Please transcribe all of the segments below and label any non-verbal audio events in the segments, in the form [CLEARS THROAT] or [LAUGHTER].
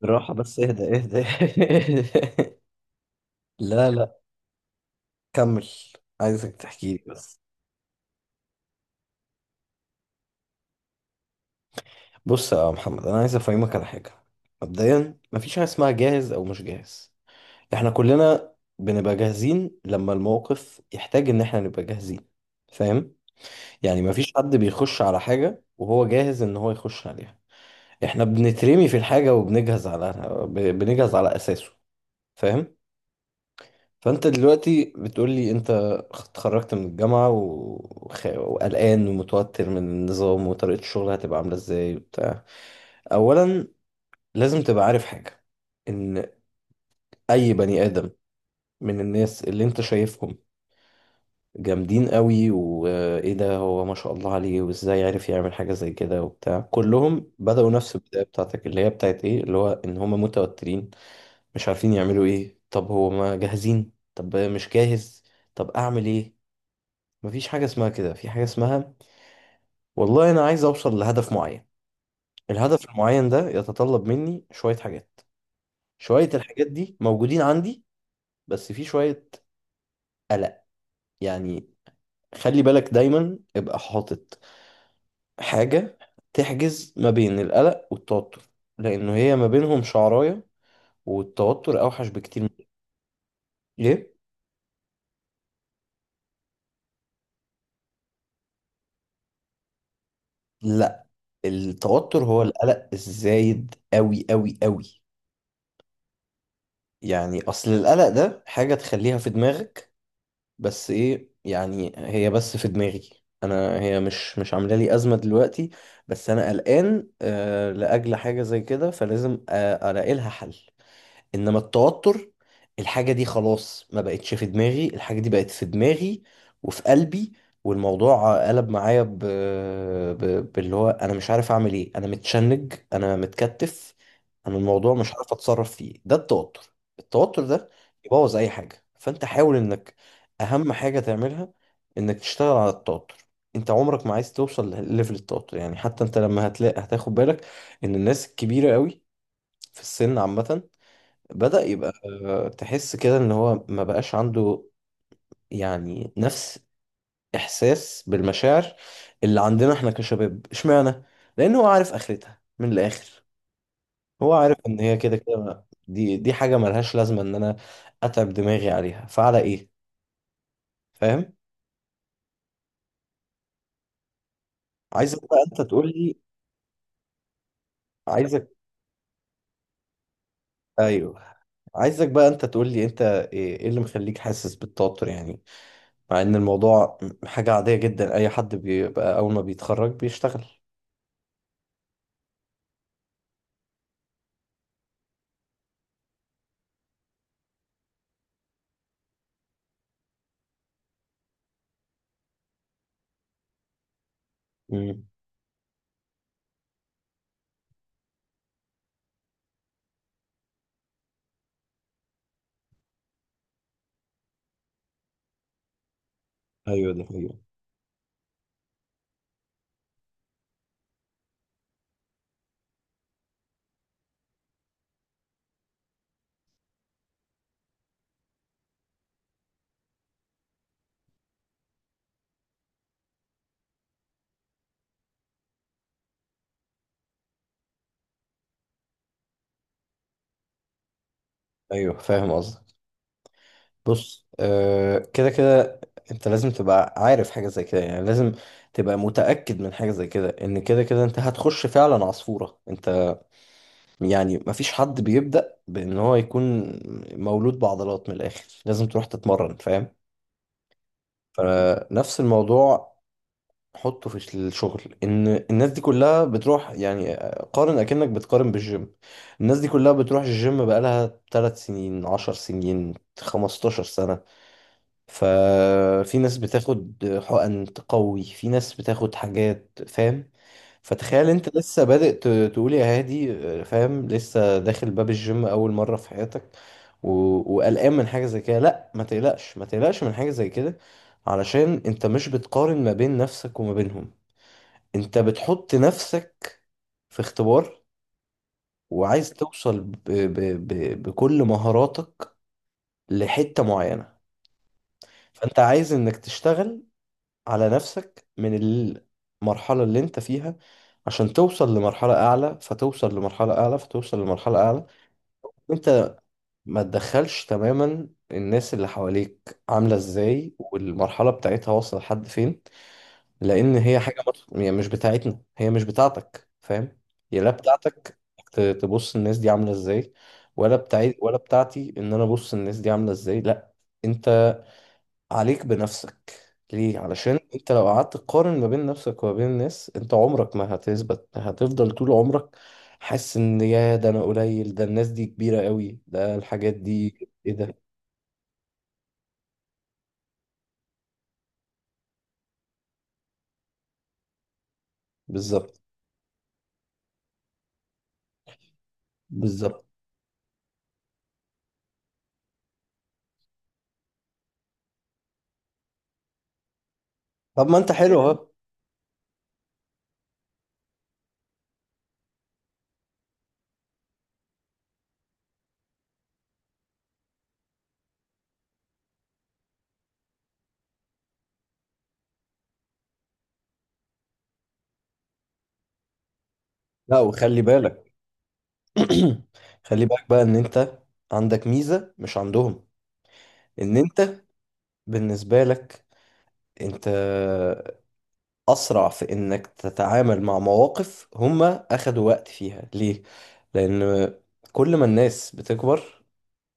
بالراحة، بس اهدى اهدى. [LAUGHS] لا لا. كمل. عايزك تحكي لي بس. بص يا محمد، انا عايز افهمك على حاجة. مبدئيا، مفيش حاجة اسمها جاهز او مش جاهز. احنا كلنا بنبقى جاهزين لما الموقف يحتاج ان احنا نبقى جاهزين. فاهم؟ يعني مفيش حد بيخش على حاجة وهو جاهز ان هو يخش عليها. احنا بنترمي في الحاجة وبنجهز على بنجهز على اساسه. فاهم؟ فانت دلوقتي بتقول لي انت اتخرجت من الجامعة وقلقان ومتوتر من النظام وطريقة الشغل هتبقى عاملة ازاي وبتاع. اولا، لازم تبقى عارف حاجة، ان اي بني ادم من الناس اللي انت شايفهم جامدين قوي وايه ده هو ما شاء الله عليه وازاي عرف يعمل حاجة زي كده وبتاع، كلهم بدأوا نفس البداية بتاعتك اللي هي بتاعت ايه اللي هو ان هم متوترين مش عارفين يعملوا ايه. طب هو ما جاهزين؟ طب مش جاهز؟ طب اعمل ايه؟ مفيش حاجة اسمها كده، في حاجة اسمها والله أنا عايز أوصل لهدف معين. الهدف المعين ده يتطلب مني شوية حاجات. شوية الحاجات دي موجودين عندي، بس في شوية قلق. يعني خلي بالك دايما ابقى حاطط حاجة تحجز ما بين القلق والتوتر، لأنه هي ما بينهم شعراية، والتوتر أوحش بكتير ليه؟ لا، التوتر هو القلق الزايد أوي أوي أوي. يعني أصل القلق ده حاجة تخليها في دماغك، بس ايه يعني، هي بس في دماغي، انا هي مش عامله لي ازمه دلوقتي. بس انا قلقان لاجل حاجه زي كده، فلازم الاقي لها حل. انما التوتر، الحاجة دي خلاص ما بقتش في دماغي، الحاجة دي بقت في دماغي وفي قلبي. والموضوع قلب معايا باللي هو انا مش عارف اعمل ايه، انا متشنج، انا متكتف. انا الموضوع مش عارف اتصرف فيه. ده التوتر. التوتر ده يبوظ اي حاجة، فانت حاول انك اهم حاجة تعملها انك تشتغل على التوتر. انت عمرك ما عايز توصل لليفل التوتر. يعني حتى انت لما هتلاقي هتاخد بالك ان الناس الكبيرة قوي في السن عامة بدأ يبقى، تحس كده ان هو ما بقاش عنده يعني نفس احساس بالمشاعر اللي عندنا احنا كشباب. اشمعنى؟ لان هو عارف اخرتها من الاخر، هو عارف ان هي كده كده، دي حاجة ملهاش لازمة ان انا اتعب دماغي عليها، فعلى ايه؟ فاهم؟ عايزك بقى انت تقول لي. عايزك، ايوه، عايزك بقى انت تقول لي انت إيه اللي مخليك حاسس بالتوتر. يعني مع ان الموضوع حاجة عادية جدا، اي حد بيبقى اول ما بيتخرج بيشتغل. مم. ايوه، ده ايوه. ايوه، فاهم قصدك. بص، كده كده انت لازم تبقى عارف حاجه زي كده، يعني لازم تبقى متاكد من حاجه زي كده، ان كده كده انت هتخش فعلا عصفوره. انت، يعني، مفيش حد بيبدا بان هو يكون مولود بعضلات من الاخر، لازم تروح تتمرن. فاهم؟ فنفس الموضوع حطه في الشغل، ان الناس دي كلها بتروح، يعني قارن اكنك بتقارن بالجيم. الناس دي كلها بتروح الجيم بقالها 3 سنين، 10 سنين، 15 سنة. ففي ناس بتاخد حقن تقوي، في ناس بتاخد حاجات. فاهم؟ فتخيل انت لسه بادئ، تقول يا هادي. فاهم؟ لسه داخل باب الجيم اول مرة في حياتك، وقلقان من حاجة زي كده. لا، ما تقلقش ما تقلقش من حاجة زي كده، علشان انت مش بتقارن ما بين نفسك وما بينهم. انت بتحط نفسك في اختبار، وعايز توصل بكل مهاراتك لحتة معينة. فانت عايز انك تشتغل على نفسك من المرحلة اللي انت فيها، عشان توصل لمرحلة أعلى، فتوصل لمرحلة أعلى، فتوصل لمرحلة أعلى. انت ما تدخلش تماما الناس اللي حواليك عاملة ازاي والمرحلة بتاعتها واصلة لحد فين، لأن هي حاجة يعني مش بتاعتنا، هي مش بتاعتك. فاهم؟ هي لا بتاعتك تبص الناس دي عاملة ازاي، ولا بتاعت ولا بتاعتي ان انا ابص الناس دي عاملة ازاي. لا، عليك بنفسك. ليه؟ علشان انت لو قعدت تقارن ما بين نفسك وما بين الناس، انت عمرك ما هتثبت، هتفضل طول عمرك حاسس ان يا ده انا قليل، ده الناس دي كبيرة قوي، ده الحاجات دي ايه ده. بالظبط، بالظبط. طب ما انت حلو اهو. لا، وخلي بالك. [CLEARS THROAT] خلي بالك بقى ان انت عندك ميزة مش عندهم، ان انت، بالنسبة لك، انت أسرع في إنك تتعامل مع مواقف هما أخدوا وقت فيها. ليه؟ لأن كل ما الناس بتكبر،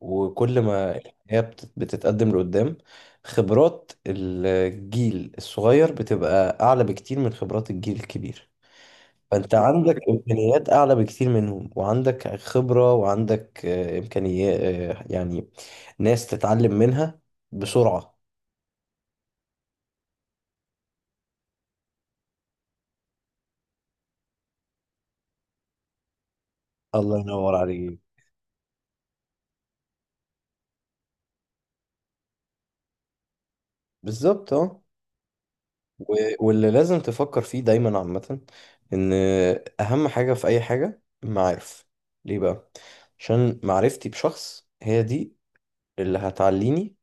وكل ما الحياة بتتقدم لقدام، خبرات الجيل الصغير بتبقى أعلى بكتير من خبرات الجيل الكبير. فأنت عندك إمكانيات أعلى بكتير منهم، وعندك خبرة، وعندك إمكانيات، يعني ناس تتعلم منها بسرعة. الله ينور عليك. بالظبط، اه. و- واللي لازم تفكر فيه دايما عامة، ان اهم حاجة في اي حاجة المعارف. ليه بقى؟ عشان معرفتي بشخص هي دي اللي هتعليني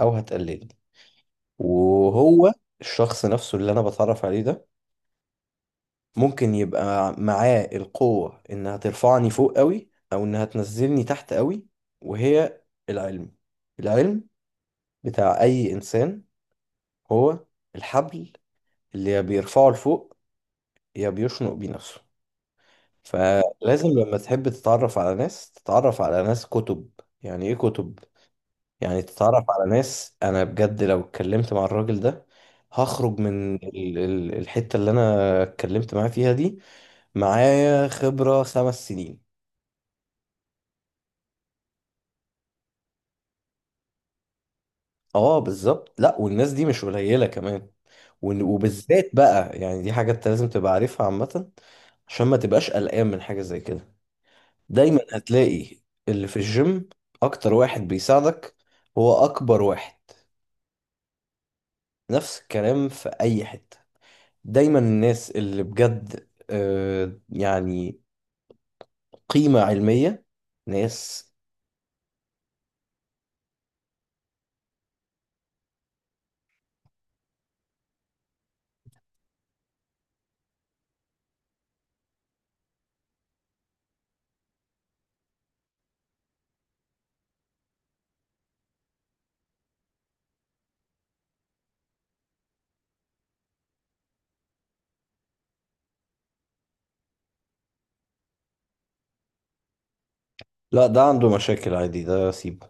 او هتقللني. وهو الشخص نفسه اللي انا بتعرف عليه ده ممكن يبقى معاه القوة انها ترفعني فوق قوي، او انها تنزلني تحت قوي. وهي العلم، العلم بتاع اي انسان هو الحبل اللي يا بيرفعه لفوق يا بيشنق بيه نفسه. فلازم لما تحب تتعرف على ناس، تتعرف على ناس كتب. يعني ايه كتب؟ يعني تتعرف على ناس، انا بجد لو اتكلمت مع الراجل ده هخرج من الحتة اللي انا اتكلمت معاه فيها دي معايا خبرة 5 سنين. اه، بالظبط. لا، والناس دي مش قليلة كمان. وبالذات بقى، يعني دي حاجة انت لازم تبقى عارفها عامة، عشان ما تبقاش قلقان من حاجة زي كده. دايما هتلاقي اللي في الجيم اكتر واحد بيساعدك هو اكبر واحد. نفس الكلام في أي حتة. دايما الناس اللي بجد، يعني قيمة علمية، ناس. لا، ده عنده مشاكل عادي، ده سيبه.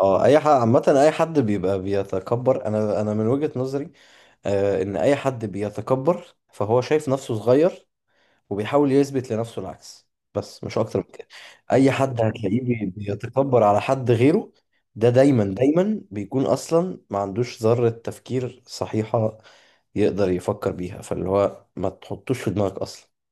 اه، اي حد عامة، اي حد بيبقى بيتكبر، انا من وجهة نظري ان اي حد بيتكبر فهو شايف نفسه صغير، وبيحاول يثبت لنفسه العكس، بس مش اكتر من كده. اي حد هتلاقيه بيتكبر على حد غيره، ده دايما دايما بيكون اصلا ما عندوش ذرة تفكير صحيحة يقدر يفكر بيها، فاللي هو ما تحطوش في دماغك اصلا.